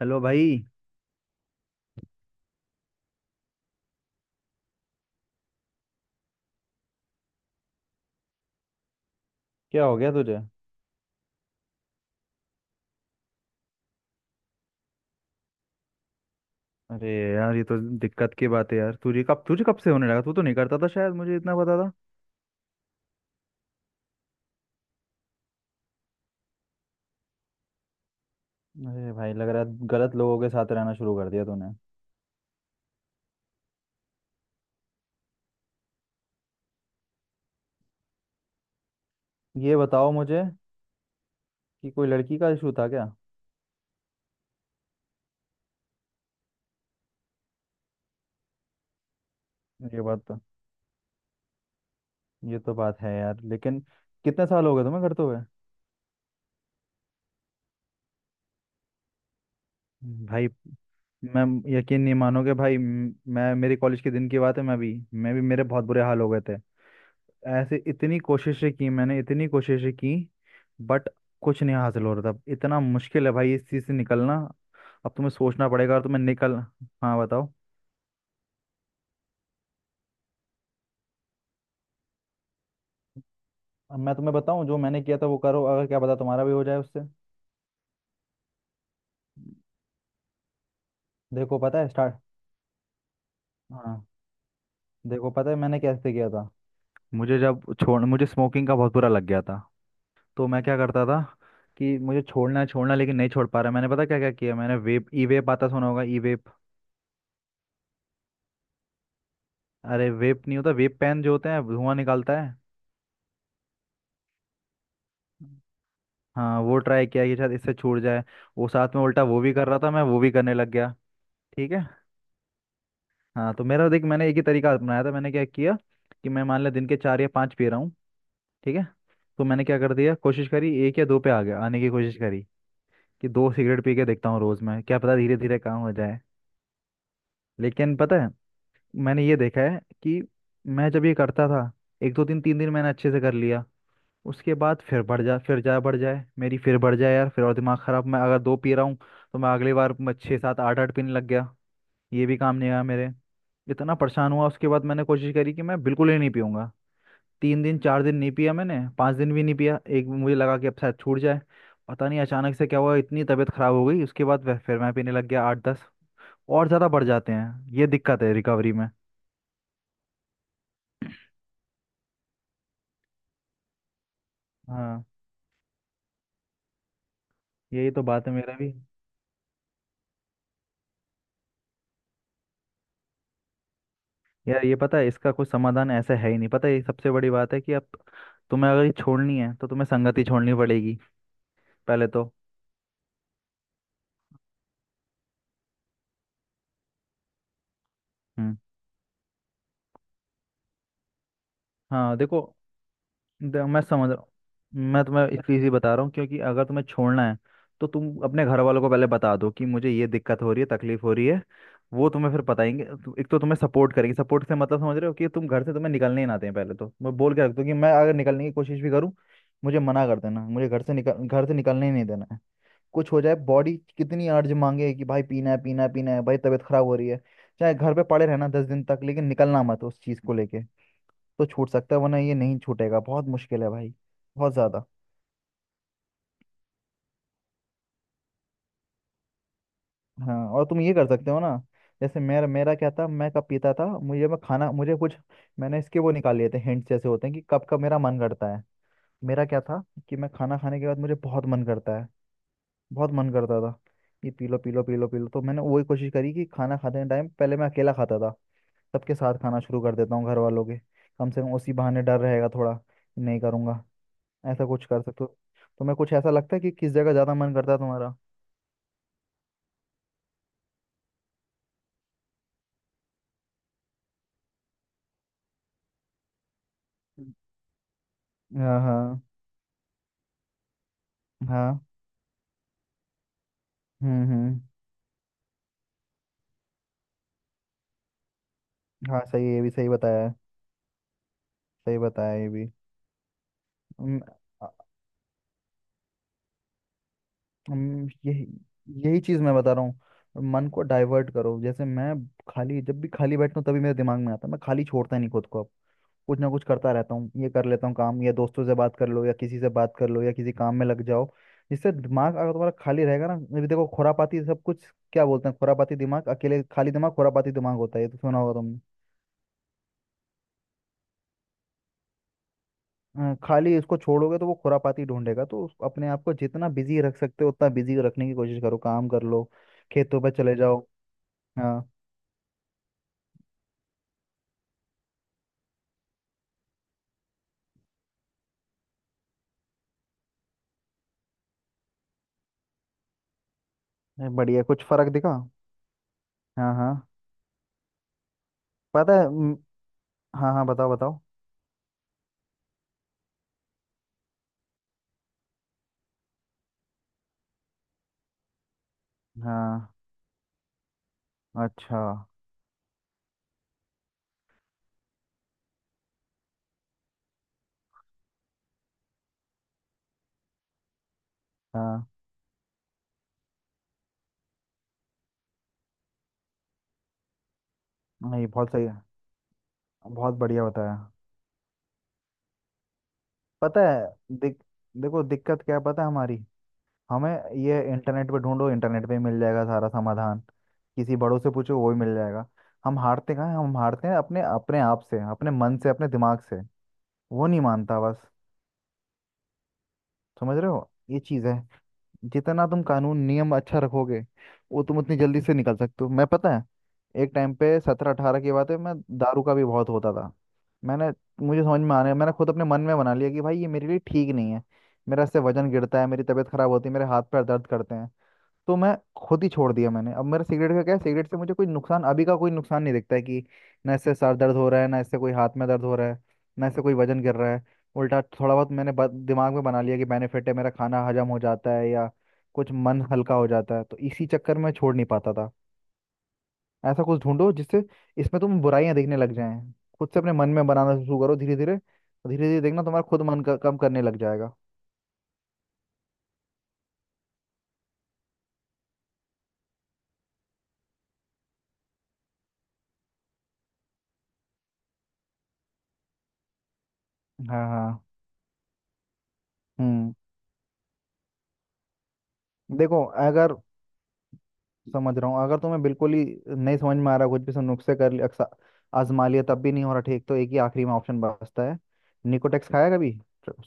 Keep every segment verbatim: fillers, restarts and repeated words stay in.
Hello भाई। क्या हो गया तुझे? अरे यार, ये तो दिक्कत की बात है यार। तुझे कब तुझे कब से होने लगा? तू तो नहीं करता था, शायद मुझे इतना पता था। अरे भाई, लग रहा है गलत लोगों के साथ रहना शुरू कर दिया तूने। ये बताओ मुझे कि कोई लड़की का इशू था क्या? ये बात तो ये तो बात है यार, लेकिन कितने साल हो गए तुम्हें करते हुए? भाई, मैं यकीन नहीं मानोगे भाई, म- मैं, मेरे कॉलेज के दिन की बात है, मैं भी मैं भी मेरे बहुत बुरे हाल हो गए थे। ऐसे इतनी कोशिशें की मैंने, इतनी कोशिशें की, बट कुछ नहीं हासिल हो रहा था। इतना मुश्किल है भाई इस चीज़ से निकलना। अब तुम्हें सोचना पड़ेगा और तुम्हें निकल। हाँ बताओ। अब मैं तुम्हें बताऊं, जो मैंने किया था वो करो, अगर क्या पता तुम्हारा भी हो जाए उससे। देखो पता है स्टार्ट। हाँ, देखो पता है मैंने कैसे किया था। मुझे जब छोड़ मुझे स्मोकिंग का बहुत बुरा लग गया था। तो मैं क्या करता था कि मुझे छोड़ना है छोड़ना है, लेकिन नहीं छोड़ पा रहा। मैंने पता क्या क्या किया मैंने, वेप ई वेप आता सुना होगा? ई वेप? अरे वेप नहीं होता, वेप पेन जो होते हैं, धुआं निकालता है। हाँ, वो ट्राई किया कि शायद इससे छूट जाए। वो साथ में उल्टा वो भी कर रहा था, मैं वो भी करने लग गया। ठीक है। हाँ तो मेरा देख, मैंने एक ही तरीका अपनाया था। मैंने क्या किया कि मैं, मान लिया दिन के चार या पाँच पी रहा हूँ। ठीक है। तो मैंने क्या कर दिया, कोशिश करी, एक या दो पे आ गया, आने की कोशिश करी कि दो सिगरेट पी के देखता हूँ रोज़ में, क्या पता धीरे धीरे काम हो जाए। लेकिन पता है, मैंने ये देखा है कि मैं जब ये करता था, एक दो दिन तीन दिन मैंने अच्छे से कर लिया। उसके बाद फिर बढ़ जा फिर जा बढ़ जाए, मेरी फिर बढ़ जाए यार, फिर और दिमाग खराब। मैं अगर दो पी रहा हूँ तो मैं अगली बार मैं छः सात आठ आठ पीने लग गया। ये भी काम नहीं आया मेरे। इतना परेशान हुआ, उसके बाद मैंने कोशिश करी कि मैं बिल्कुल ही नहीं पीऊंगा। तीन दिन चार दिन नहीं पिया, मैंने पाँच दिन भी नहीं पिया, एक मुझे लगा कि अब शायद छूट जाए। पता नहीं अचानक से क्या हुआ, इतनी तबीयत खराब हो गई। उसके बाद फिर फिर मैं पीने लग गया आठ दस, और ज़्यादा बढ़ जाते हैं। ये दिक्कत है रिकवरी में। हाँ, यही तो बात है मेरा भी। यार ये पता है, इसका कोई समाधान ऐसा है ही नहीं। पता है, ये सबसे बड़ी बात है कि अब तुम्हें अगर ये छोड़नी है तो तुम्हें संगति छोड़नी पड़ेगी पहले तो। हम्म। हाँ देखो, दे, मैं समझ रहा हूँ। मैं तुम्हें इसलिए ही बता रहा हूँ क्योंकि अगर तुम्हें छोड़ना है तो तुम अपने घर वालों को पहले बता दो कि मुझे ये दिक्कत हो रही है, तकलीफ हो रही है। वो तुम्हें फिर बताएंगे तो- एक तो तुम्हें सपोर्ट करेंगे। सपोर्ट से मतलब समझ रहे हो कि तुम घर से, तुम्हें निकलने ही ना दें पहले तो, मैं बोल के रख दो कि मैं अगर निकलने की कोशिश भी करूँ, मुझे मना कर देना। मुझे घर से निकल घर से निकलने ही नहीं देना है। कुछ हो जाए, बॉडी कितनी अर्ज मांगे कि भाई पीना है पीना है पीना है, भाई तबीयत खराब हो रही है, चाहे घर पे पड़े रहना दस दिन तक, लेकिन निकलना मत उस चीज को लेके। तो छूट सकता है, वरना ये नहीं छूटेगा। बहुत मुश्किल है भाई, बहुत ज्यादा। हाँ, और तुम ये कर सकते हो ना। जैसे मेरा मेरा क्या था, मैं कब पीता था, मुझे मैं खाना मुझे कुछ मैंने इसके वो निकाल लिए थे, हिंट्स जैसे होते हैं, कि कब कब मेरा मन करता है। मेरा क्या था कि मैं खाना खाने के बाद मुझे बहुत मन करता है, बहुत मन करता था कि पी लो पी लो पी लो पी लो। तो मैंने वही कोशिश करी कि खाना खाते टाइम, पहले मैं अकेला खाता था, सबके साथ खाना शुरू कर देता हूँ घर वालों के, कम से कम उसी बहाने डर रहेगा थोड़ा कि नहीं करूँगा। ऐसा कुछ कर सकते हो? तुम्हें कुछ ऐसा लगता है कि किस जगह ज़्यादा मन करता है तुम्हारा? हाँ हाँ हाँ। हम्म हम्म। हाँ सही है, ये भी सही बताया है। सही बताया ये भी। हम्म। अ- हम्म, यही यही चीज़ मैं बता रहा हूँ। मन को डाइवर्ट करो। जैसे मैं खाली, जब भी खाली बैठता हूँ तभी मेरे दिमाग में आता है, मैं खाली छोड़ता ही नहीं खुद को, कुछ ना कुछ करता रहता हूँ, ये कर लेता हूँ काम, या दोस्तों से बात कर लो, या किसी से बात कर लो, या किसी काम में लग जाओ। जिससे दिमाग, अगर तुम्हारा खाली रहेगा ना, अभी देखो खुरापाती सब कुछ, क्या बोलते हैं खुरापाती दिमाग, अकेले खाली दिमाग खुरापाती दिमाग होता है, ये तो सुना होगा तुमने। अ, खाली इसको छोड़ोगे तो वो खुरापाती ढूंढेगा, तो उस- अपने आप को जितना बिजी रख सकते हो उतना बिजी रखने की कोशिश करो। काम कर लो, खेतों पे चले जाओ। हाँ ये बढ़िया, कुछ फर्क दिखा? हाँ हाँ। पता है म, हाँ हाँ, बताओ बताओ। हाँ। अच्छा। हाँ। नहीं, बहुत सही है। बहुत बढ़िया बताया। पता है दिक, देखो दिक्कत क्या है पता है हमारी, हमें, ये इंटरनेट पे ढूंढो, इंटरनेट पे ही मिल जाएगा सारा समाधान, किसी बड़ों से पूछो वो ही मिल जाएगा। हम हारते कहाँ हैं? हम हारते हैं अपने अपने आप से, अपने मन से, अपने दिमाग से। वो नहीं मानता बस। समझ रहे हो, ये चीज़ है। जितना तुम कानून नियम अच्छा रखोगे, वो तुम उतनी जल्दी से निकल सकते हो। मैं, पता है, एक टाइम पे सत्रह अठारह की बात है, मैं दारू का भी बहुत होता था। मैंने मुझे समझ में आने मैंने खुद अपने मन में बना लिया कि भाई ये मेरे लिए ठीक नहीं है। मेरा इससे वजन गिरता है, मेरी तबीयत खराब होती है, मेरे हाथ पैर दर्द करते हैं। तो मैं खुद ही छोड़ दिया मैंने। अब मेरा सिगरेट का क्या है, सिगरेट से मुझे कोई नुकसान, अभी का कोई नुकसान नहीं दिखता है, कि ना इससे सर दर्द हो रहा है, ना इससे कोई हाथ में दर्द हो रहा है, ना इससे कोई वजन गिर रहा है। उल्टा थोड़ा बहुत मैंने ब- दिमाग में बना लिया कि बेनिफिट है, मेरा खाना हजम हो जाता है, या कुछ मन हल्का हो जाता है। तो इसी चक्कर में छोड़ नहीं पाता था। ऐसा कुछ ढूंढो जिससे इसमें तुम बुराइयां देखने लग जाएं। खुद से अपने मन में बनाना शुरू करो धीरे धीरे, धीरे धीरे देखना तुम्हारा खुद मन क- कम करने लग जाएगा। हाँ हाँ। हम्म। देखो अगर, समझ रहा हूँ, अगर तुम्हें बिल्कुल ही नहीं समझ में आ रहा कुछ भी, सब नुस्खे कर लिया, अक्सा- आजमा लिया, तब भी नहीं हो रहा ठीक, तो एक ही आखिरी में ऑप्शन बचता है। निकोटेक्स खाया कभी?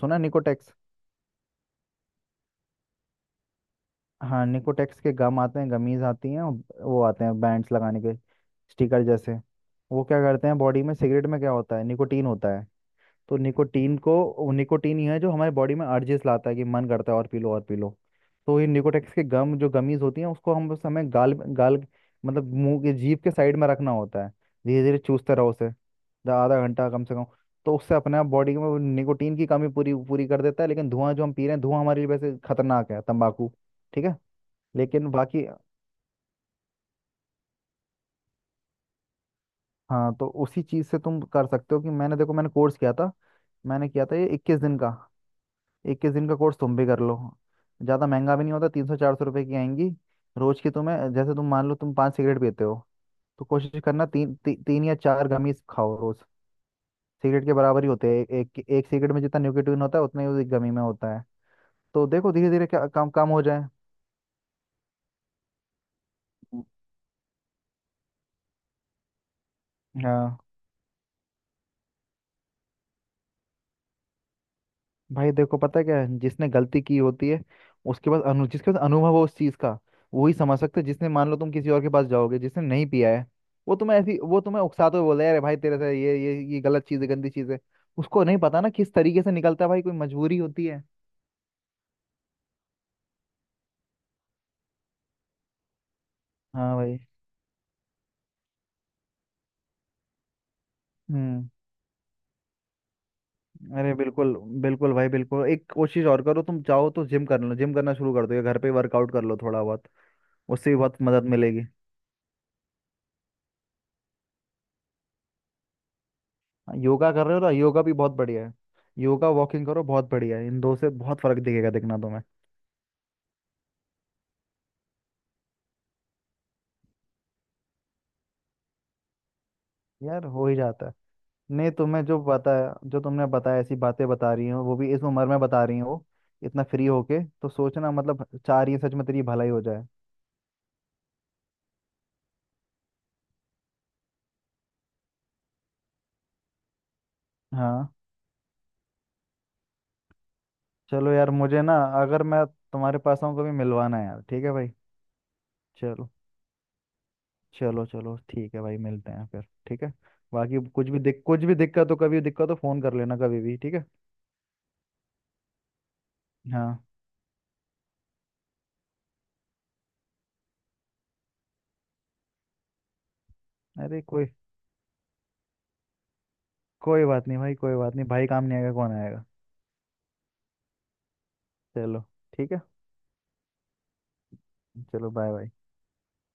सुना है निकोटेक्स? हाँ, निकोटेक्स के गम आते हैं, गमीज आती हैं, और वो आते हैं बैंड्स लगाने के, स्टिकर जैसे। वो क्या करते हैं बॉडी में, सिगरेट में क्या होता है, निकोटीन होता है। तो निकोटीन को, वो निकोटीन ही है जो हमारे बॉडी में अर्जेस लाता है कि मन करता है और पी लो और पी लो। तो ये निकोटेक्स के गम जो गमीज होती हैं, उसको हम बस, हमें गाल गाल मतलब मुंह के जीभ के साइड में रखना होता है। धीरे धीरे चूसते रहो उसे, द- आधा घंटा कम से कम। तो उससे अपने आप बॉडी में वो निकोटीन की कमी पूरी पूरी कर देता है। लेकिन धुआं जो हम पी रहे हैं, धुआं हमारे लिए वैसे खतरनाक है, तंबाकू। ठीक है। लेकिन बाकी, हाँ, तो उसी चीज़ से तुम कर सकते हो, कि मैंने, देखो मैंने कोर्स किया था, मैंने किया था ये इक्कीस दिन का, इक्कीस दिन का कोर्स तुम भी कर लो। ज़्यादा महंगा भी नहीं होता, तीन सौ चार सौ रुपये की आएंगी रोज की। तुम्हें जैसे तुम मान लो तुम पांच सिगरेट पीते हो, तो कोशिश करना तीन ती, तीन या चार गमीज खाओ रोज। सिगरेट के बराबर ही होते हैं, ए, एक एक सिगरेट में जितना निकोटीन होता है उतना ही उस गमी में होता है। तो देखो धीरे धीरे क्या काम काम हो जाए। हाँ भाई। देखो पता है क्या है, जिसने गलती की होती है, उसके पास अनु जिसके पास अनुभव हो उस चीज का, वही समझ सकते है। जिसने, मान लो तुम किसी और के पास जाओगे जिसने नहीं पिया है, वो तुम्हें ऐसी, वो तुम्हें उकसाते हुए बोले, अरे भाई तेरे से ये ये ये गलत चीज है, गंदी चीज है। उसको नहीं पता ना किस तरीके से निकलता है, भाई कोई मजबूरी होती है। हाँ भाई। हम्म। अरे बिल्कुल, बिल्कुल भाई बिल्कुल। एक कोशिश और करो, तुम चाहो तो जिम कर लो, जिम करना शुरू कर दो, या घर पे वर्कआउट कर लो थोड़ा बहुत, उससे भी बहुत मदद मिलेगी। योगा कर रहे हो ना, योगा भी बहुत बढ़िया है। योगा वॉकिंग करो, बहुत बढ़िया है, इन दो से बहुत फर्क दिखेगा, दिखना तुम्हें। यार हो ही जाता है। नहीं, तुम्हें जो पता है, जो तुमने बताया, ऐसी बातें बता रही हो वो भी इस उम्र में बता रही हो, इतना फ्री होके तो सोचना मतलब, चाह रही है सच में तेरी भलाई हो जाए। हाँ। चलो यार, मुझे ना, अगर मैं तुम्हारे पास आऊँ कभी, मिलवाना है यार, ठीक है भाई। चलो, चलो चलो ठीक है भाई, मिलते हैं फिर। ठीक है। बाकी कुछ भी दिक कुछ भी दिक्कत हो, कभी दिक्कत हो फोन कर लेना, कभी भी ठीक है। हाँ। अरे कोई, कोई बात नहीं भाई, कोई बात नहीं भाई, काम नहीं आएगा कौन आएगा। चलो ठीक है। चलो बाय बाय।